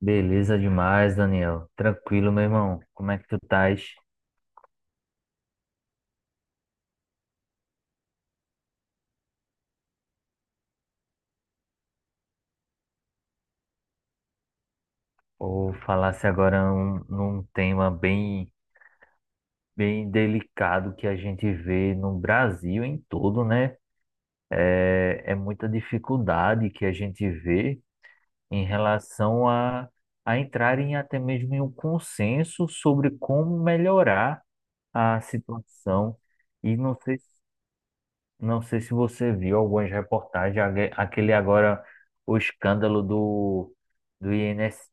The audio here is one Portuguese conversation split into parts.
Beleza demais, Daniel. Tranquilo, meu irmão. Como é que tu estás? Ou falasse agora um, num tema bem, bem delicado que a gente vê no Brasil em todo, né? É, é muita dificuldade que a gente vê em relação a entrar em até mesmo em um consenso sobre como melhorar a situação. E não sei Não sei se você viu algumas reportagens, aquele agora, o escândalo do, do INSS.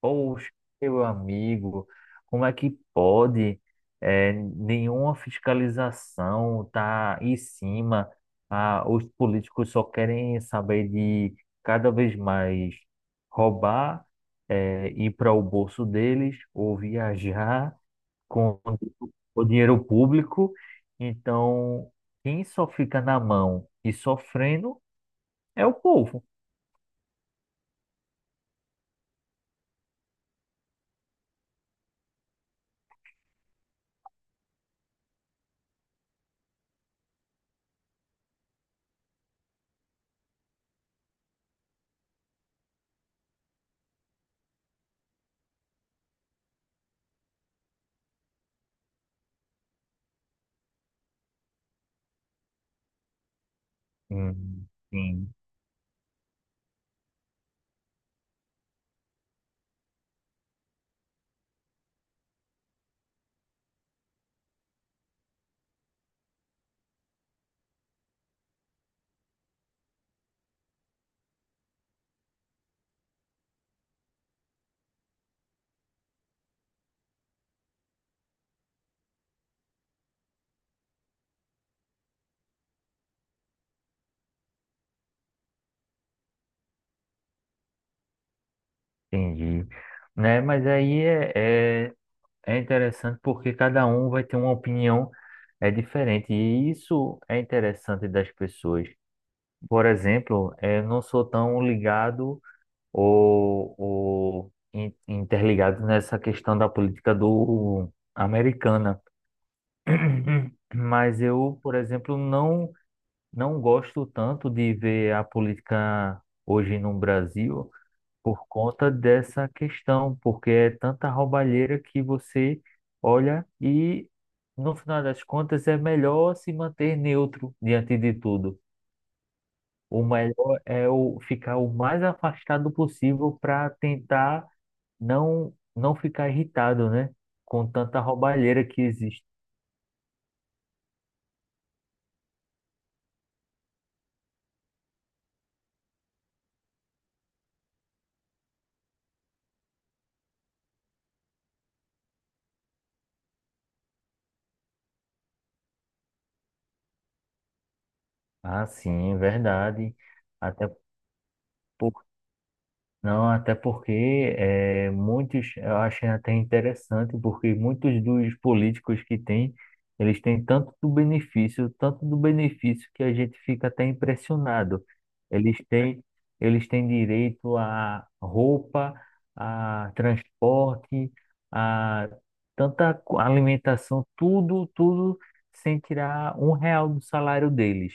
Poxa, meu amigo, como é que pode? É, nenhuma fiscalização tá em cima. Ah, os políticos só querem saber de cada vez mais roubar, é, ir para o bolso deles ou viajar com o dinheiro público. Então, quem só fica na mão e sofrendo é o povo. Hum, sim, entendi. Né? Mas aí é interessante porque cada um vai ter uma opinião é diferente. E isso é interessante das pessoas. Por exemplo, eu não sou tão ligado ou, ou interligado nessa questão da política do americana. Mas eu, por exemplo, não gosto tanto de ver a política hoje no Brasil por conta dessa questão, porque é tanta roubalheira que você olha e, no final das contas, é melhor se manter neutro diante de tudo. O melhor é o ficar o mais afastado possível para tentar não ficar irritado, né? Com tanta roubalheira que existe. Ah, sim, verdade. Até Por- Não, até porque é muitos, eu acho até interessante, porque muitos dos políticos que têm, eles têm tanto do benefício que a gente fica até impressionado. Eles têm, eles têm direito a roupa, a transporte, a alimentação, tudo, tudo sem tirar um real do salário deles,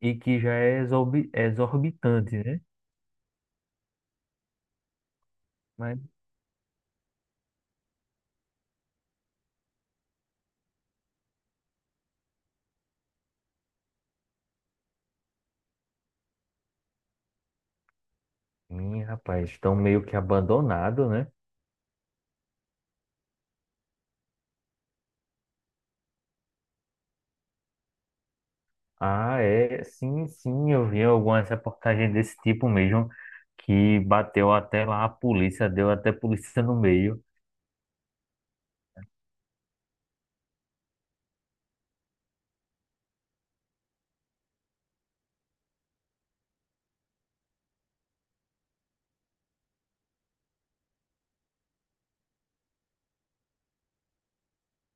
e que já é exorbitante, né? Ih, rapaz, estão meio que abandonado, né? Ah, é, sim, sim, eu vi algumas reportagens desse tipo mesmo, que bateu até lá a polícia, deu até polícia no meio.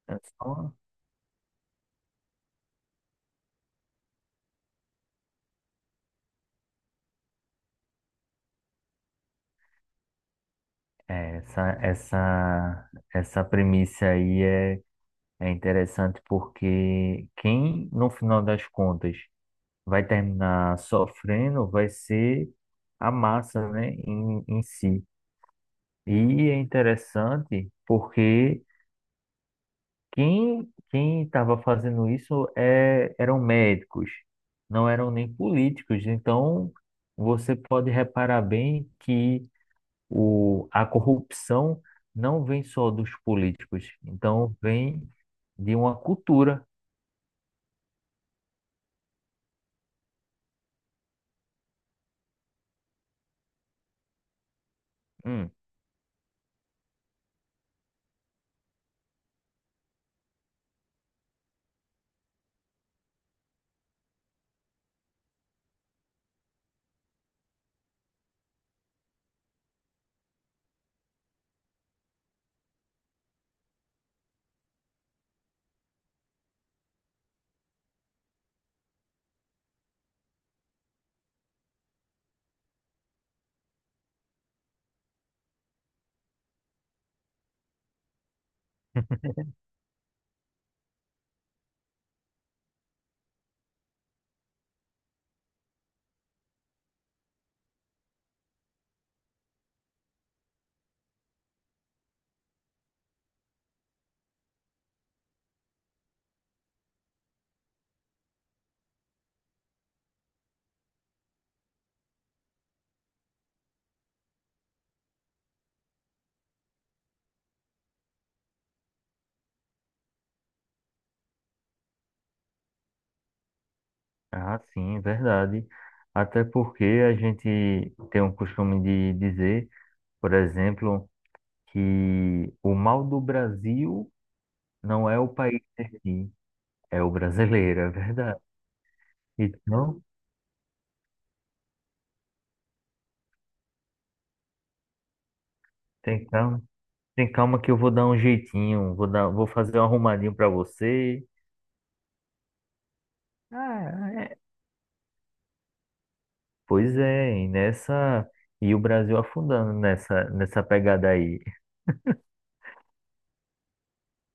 É só- é, essa premissa aí é, é interessante porque quem, no final das contas, vai terminar sofrendo vai ser a massa, né, em si. E é interessante porque quem estava fazendo isso é, eram médicos, não eram nem políticos. Então, você pode reparar bem que o, a corrupção não vem só dos políticos, então vem de uma cultura. Hum. Ah, sim, é verdade. Até porque a gente tem um costume de dizer, por exemplo, que o mal do Brasil não é o país em si, é o brasileiro, é verdade. Então, tem calma, tem calma que eu vou dar um jeitinho, vou dar, vou fazer um arrumadinho pra você. Ah, é. Pois é, e nessa e o Brasil afundando nessa pegada aí.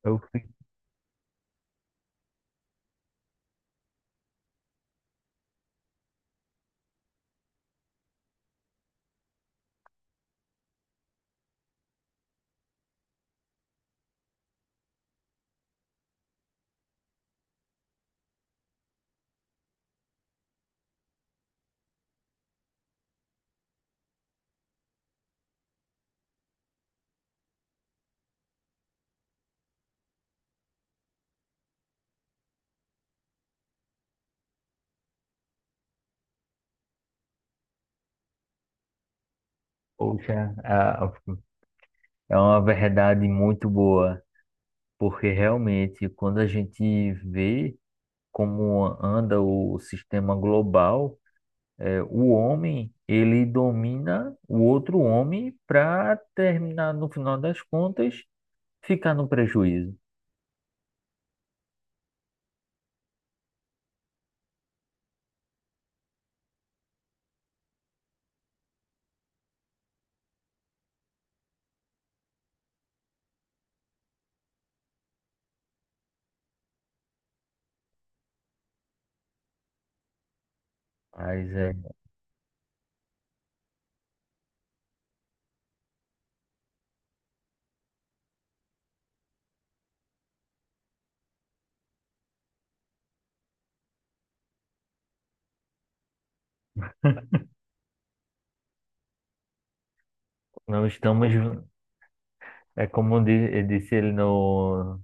Eu fico, poxa, é uma verdade muito boa, porque realmente quando a gente vê como anda o sistema global, é, o homem ele domina o outro homem para terminar no final das contas ficar no prejuízo. Mas é, não estamos, é como disse ele no,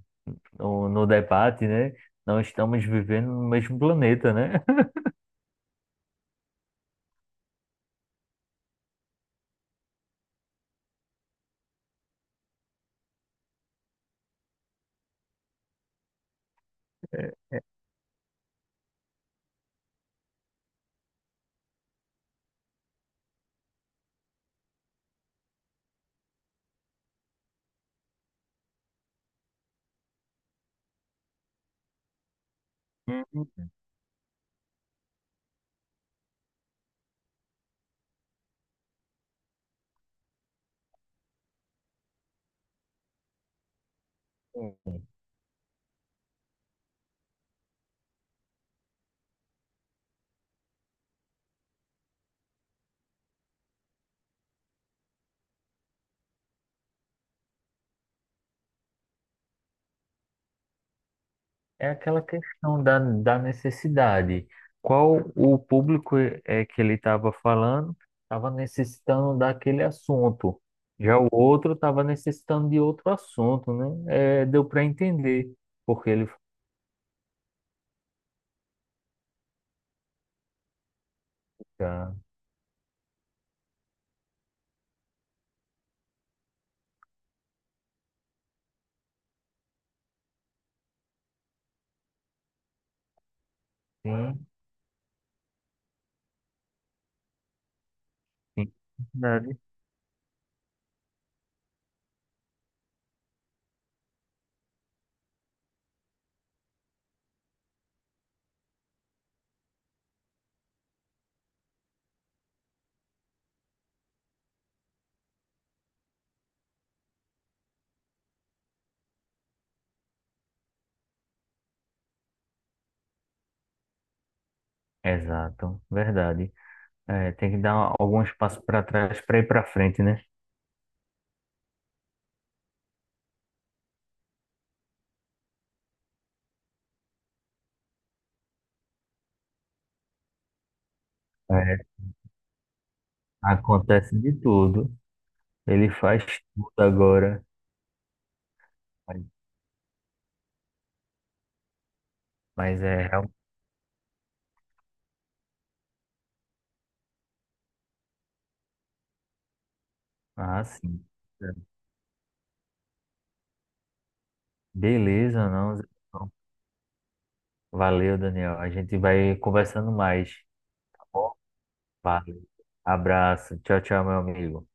no debate, né? Não estamos vivendo no mesmo planeta, né? É aquela questão da, da necessidade. Qual o público é que ele estava falando, estava necessitando daquele assunto. Já o outro estava necessitando de outro assunto, né? É, deu para entender porque ele fica, sim, sim. Exato, verdade. É, tem que dar algum espaço para trás para ir para frente, né? É, acontece de tudo. Ele faz tudo agora, mas mas é real. Ah, sim. É, beleza, não. Zé. Então, valeu, Daniel. A gente vai conversando mais. Tá bom? Valeu. Abraço. Tchau, tchau, meu amigo.